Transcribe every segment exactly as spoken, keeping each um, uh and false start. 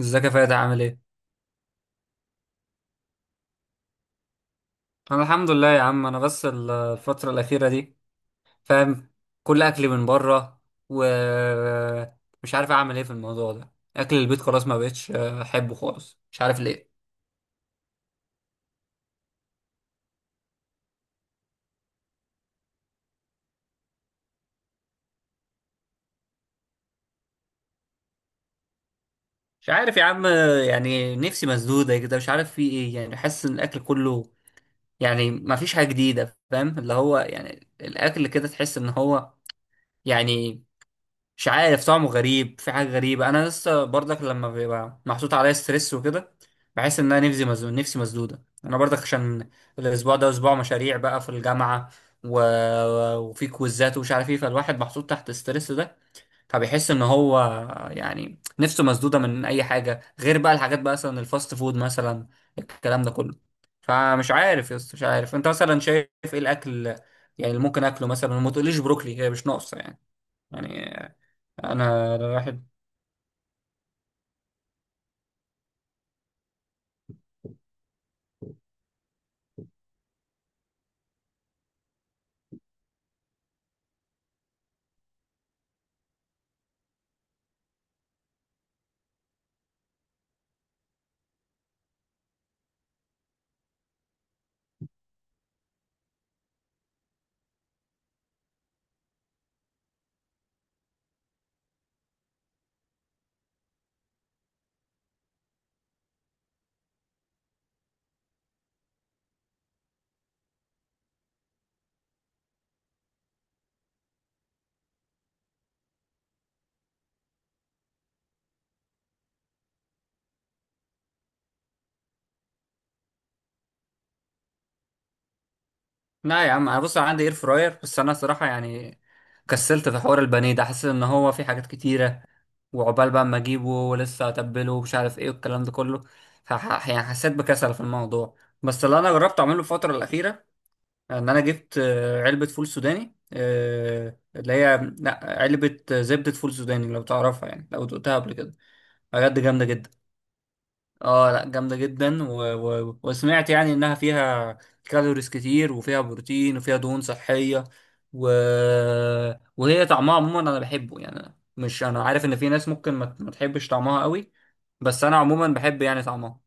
ازيك يا فادي عامل ايه؟ انا الحمد لله يا عم، انا بس ال- الفترة الأخيرة دي، فاهم، كل أكلي من بره، ومش عارف أعمل ايه في الموضوع ده. أكل البيت خلاص ما بقتش آه، أحبه خالص، مش عارف ليه. مش عارف يا عم، آه، يعني نفسي مسدودة كده، مش عارف في ايه. يعني حاسس إن الأكل كله، يعني ما فيش حاجة جديدة، فاهم، اللي هو يعني الأكل كده تحس إن هو، يعني، مش عارف طعمه غريب، في حاجة غريبة. أنا لسه برضك لما بيبقى محطوط عليا ستريس وكده، بحس إن أنا نفسي مزنوق، نفسي مسدودة. أنا برضك عشان الأسبوع ده أسبوع مشاريع بقى في الجامعة، و... وفي كويزات ومش عارف إيه، فالواحد محطوط تحت الستريس ده، فبيحس إن هو، يعني، نفسه مسدودة من أي حاجة غير بقى الحاجات، بقى مثلا الفاست فود مثلا، الكلام ده كله. فمش عارف يا اسطى، مش عارف أنت مثلا شايف إيه الأكل يعني اللي ممكن آكله مثلا. وما تقوليش بروكلي، هي مش ناقصة يعني، يعني انا الواحد. لا يا عم، انا بص، أنا عندي اير فراير، بس انا صراحه يعني كسلت في حوار البانيه ده. حاسس ان هو في حاجات كتيره، وعقبال بقى اما اجيبه ولسه اتبله ومش عارف ايه والكلام ده كله، فح يعني حسيت بكسل في الموضوع. بس اللي انا جربت اعمله الفتره الاخيره ان انا جبت آه، علبه فول سوداني، آه، اللي هي لا، علبه زبده فول سوداني. لو تعرفها، يعني لو دقتها قبل كده، بجد جامده جدا. اه لا، جامدة جدا، و... و... وسمعت يعني انها فيها كالوريز كتير وفيها بروتين وفيها دهون صحية، و... وهي طعمها عموما انا بحبه. يعني مش، انا عارف ان في ناس ممكن ما, ما تحبش طعمها قوي، بس انا عموما بحب يعني طعمها.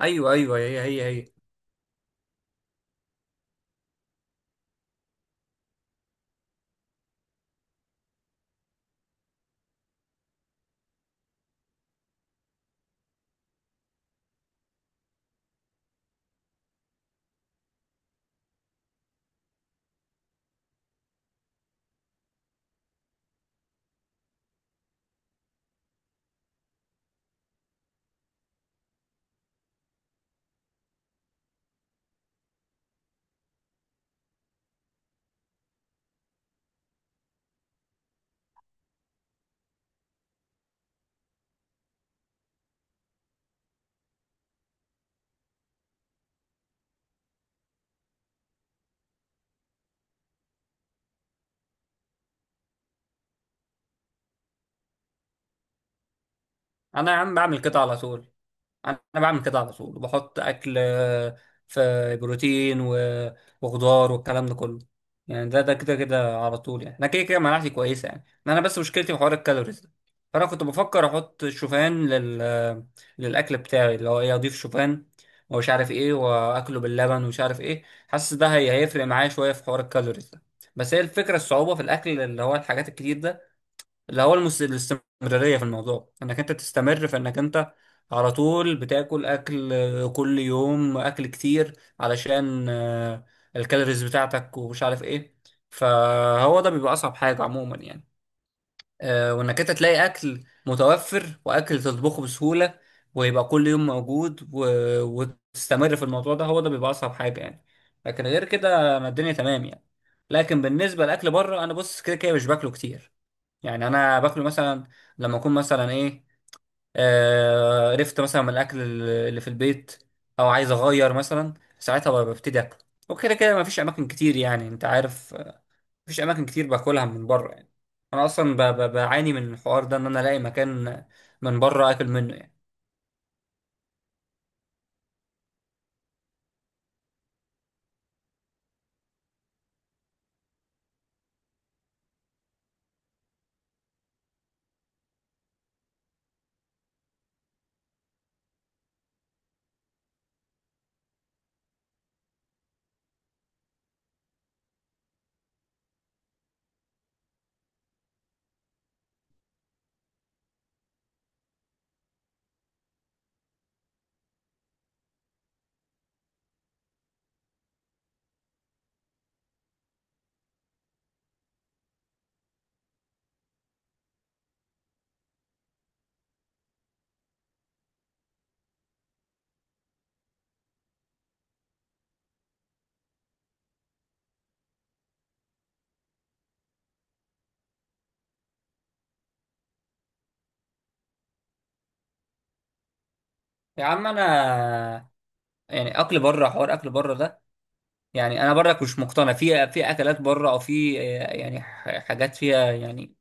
ايوه ايوه، هي هي هي. انا يا عم بعمل كده على طول، انا بعمل كده على طول، وبحط اكل آه، في بروتين و- وخضار والكلام ده كله. يعني ده ده كده كده على طول، يعني انا كده كده مناعتي كويسه، يعني انا بس مشكلتي في حوار الكالوريز ده. فانا كنت بفكر احط شوفان لل للاكل بتاعي، اللي هو ايه، اضيف شوفان ومش عارف ايه واكله باللبن ومش عارف ايه. حاسس ده هي هيفرق معايا شويه في حوار الكالوريز ده. بس هي الفكره الصعوبه في الاكل، اللي هو الحاجات الكتير ده، اللي هو المس... الاستمرارية في الموضوع، انك انت تستمر في انك انت على طول بتاكل اكل آه، كل يوم، اكل كتير علشان آه، الكالوريز بتاعتك ومش عارف ايه. فهو ده بيبقى اصعب حاجة عموما يعني. آه، وانك انت تلاقي اكل متوفر واكل تطبخه بسهولة، ويبقى كل يوم موجود، و... وتستمر في الموضوع ده، هو ده بيبقى اصعب حاجة يعني. لكن غير كده انا الدنيا تمام يعني. لكن بالنسبة لأكل بره، انا بص كده كده مش باكله كتير. يعني انا باكله مثلا لما اكون مثلا ايه، آه قرفت مثلا من الاكل اللي في البيت، او عايز اغير مثلا، ساعتها ب- ببتدي اكل. وكده كده مفيش اماكن كتير، يعني انت عارف، آه، مفيش اماكن كتير باكلها من بره يعني. انا اصلا ب- ب- بعاني من الحوار ده ان انا الاقي مكان من بره اكل منه يعني. يا عم انا، يعني اكل بره، حوار اكل بره ده، يعني انا برضك مش مقتنع في في اكلات بره، او في آه، يعني ح- حاجات فيها يعني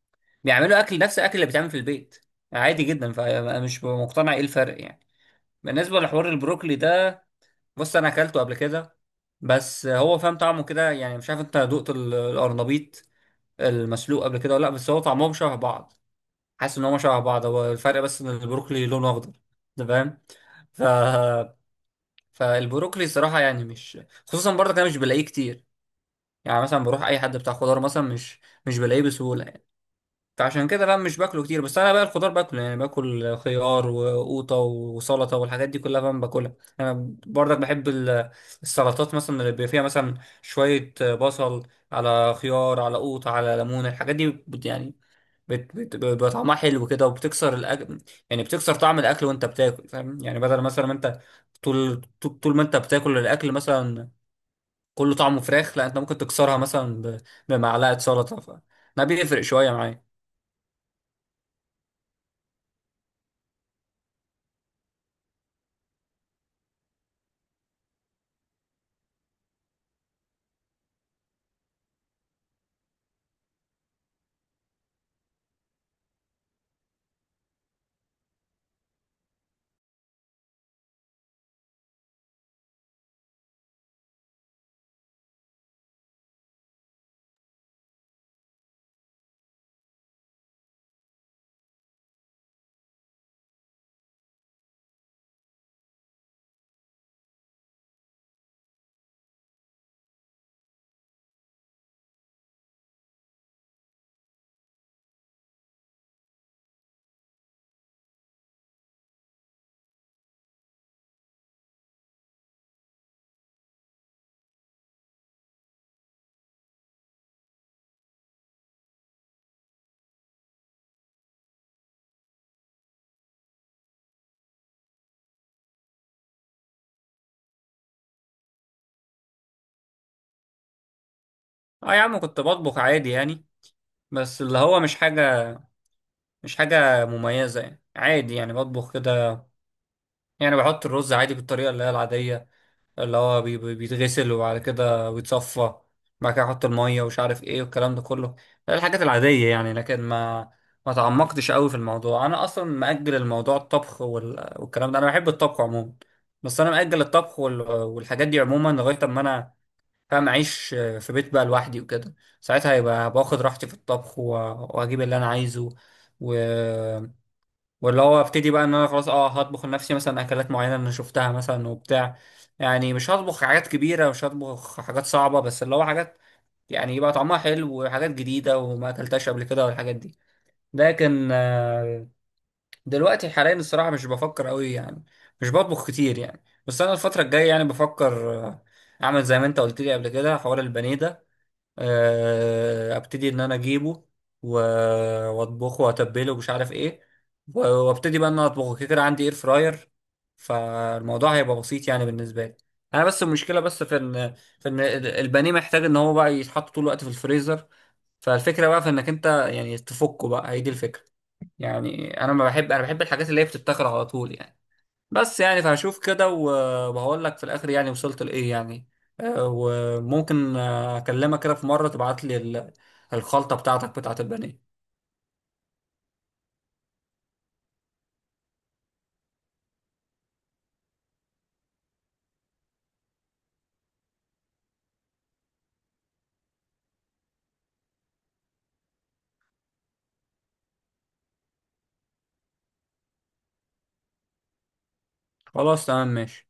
بيعملوا اكل نفس الاكل اللي بيتعمل في البيت عادي جدا، فانا مش مقتنع ايه الفرق يعني. بالنسبه لحوار البروكلي ده، بص انا اكلته قبل كده، بس هو، فاهم، طعمه كده يعني. مش عارف انت دقت ال- القرنبيط المسلوق قبل كده ولا لا، بس هو طعمهم شبه بعض، حاسس ان هم شبه بعض. هو الفرق بس ان البروكلي لونه اخضر، انت فاهم؟ ف فالبروكلي صراحه يعني مش، خصوصا برضك انا مش بلاقيه كتير. يعني مثلا بروح اي حد بتاع خضار مثلا، مش، مش بلاقيه بسهوله يعني. فعشان كده بقى مش باكله كتير. بس انا بقى الخضار باكله، يعني باكل خيار وقوطه وسلطه والحاجات دي كلها بقى باكلها. انا برضك بحب ال- السلطات، مثلا اللي بيبقى فيها مثلا شويه بصل على خيار على قوطه على ليمون. الحاجات دي بت، يعني، بت- بت- بيبقى طعمها حلو كده وبتكسر الأكل، يعني بتكسر طعم الاكل وانت بتاكل، فاهم يعني؟ بدل مثلا ما انت طول طول طول ما انت بتاكل الاكل مثلا كله طعمه فراخ، لا انت ممكن تكسرها مثلا ب- بمعلقه سلطه، ف ده بيفرق شويه معايا. اه يا عم كنت بطبخ عادي يعني، بس اللي هو مش حاجه، مش حاجه مميزه. يعني عادي يعني بطبخ كده. يعني بحط الرز عادي بالطريقه اللي هي العاديه، اللي هو بي- بي- بيتغسل وبعد كده بيتصفى، بعد كده احط الميه ومش عارف ايه والكلام ده كله. ده الحاجات العاديه يعني، لكن ما ما تعمقتش قوي في الموضوع. انا اصلا مأجل الموضوع، الطبخ وال... والكلام ده، انا بحب الطبخ عموما. بس انا مأجل الطبخ وال... والحاجات دي عموما لغايه اما انا، فاهم، اعيش في بيت بقى لوحدي وكده. ساعتها هيبقى باخد راحتي في الطبخ، و... واجيب اللي انا عايزه، و... واللي هو ابتدي بقى ان انا خلاص، اه، هطبخ لنفسي مثلا اكلات معينه انا شفتها مثلا وبتاع. يعني مش هطبخ حاجات كبيره، مش هطبخ حاجات صعبه، بس اللي هو حاجات يعني يبقى طعمها حلو وحاجات جديده وما اكلتهاش قبل كده والحاجات دي. لكن آه، دلوقتي حاليا الصراحه مش بفكر قوي يعني، مش بطبخ كتير يعني. بس انا الفتره الجايه يعني بفكر آه، اعمل زي ما انت قلت لي قبل كده حوار البانيه ده. آه، ابتدي ان انا اجيبه، و- واطبخه واتبله ومش عارف ايه، و- وابتدي بقى ان انا اطبخه. كده كده عندي اير فراير، فالموضوع هيبقى بسيط يعني بالنسبه لي. انا بس المشكله بس في ان، في ان ال- البانيه محتاج ان هو بقى يتحط طول الوقت في الفريزر، فالفكره بقى في انك انت يعني تفكه بقى، هي دي الفكره. يعني انا ما بحب، انا بحب الحاجات اللي هي بتتاكل على طول يعني. بس يعني فهشوف كده، و- وهقول لك في الاخر يعني وصلت لايه يعني. آه، وممكن آه، اكلمك كده في مره تبعت لي ال- الخلطه بتاعتك بتاعت البانيه. خلاص تمام ماشي.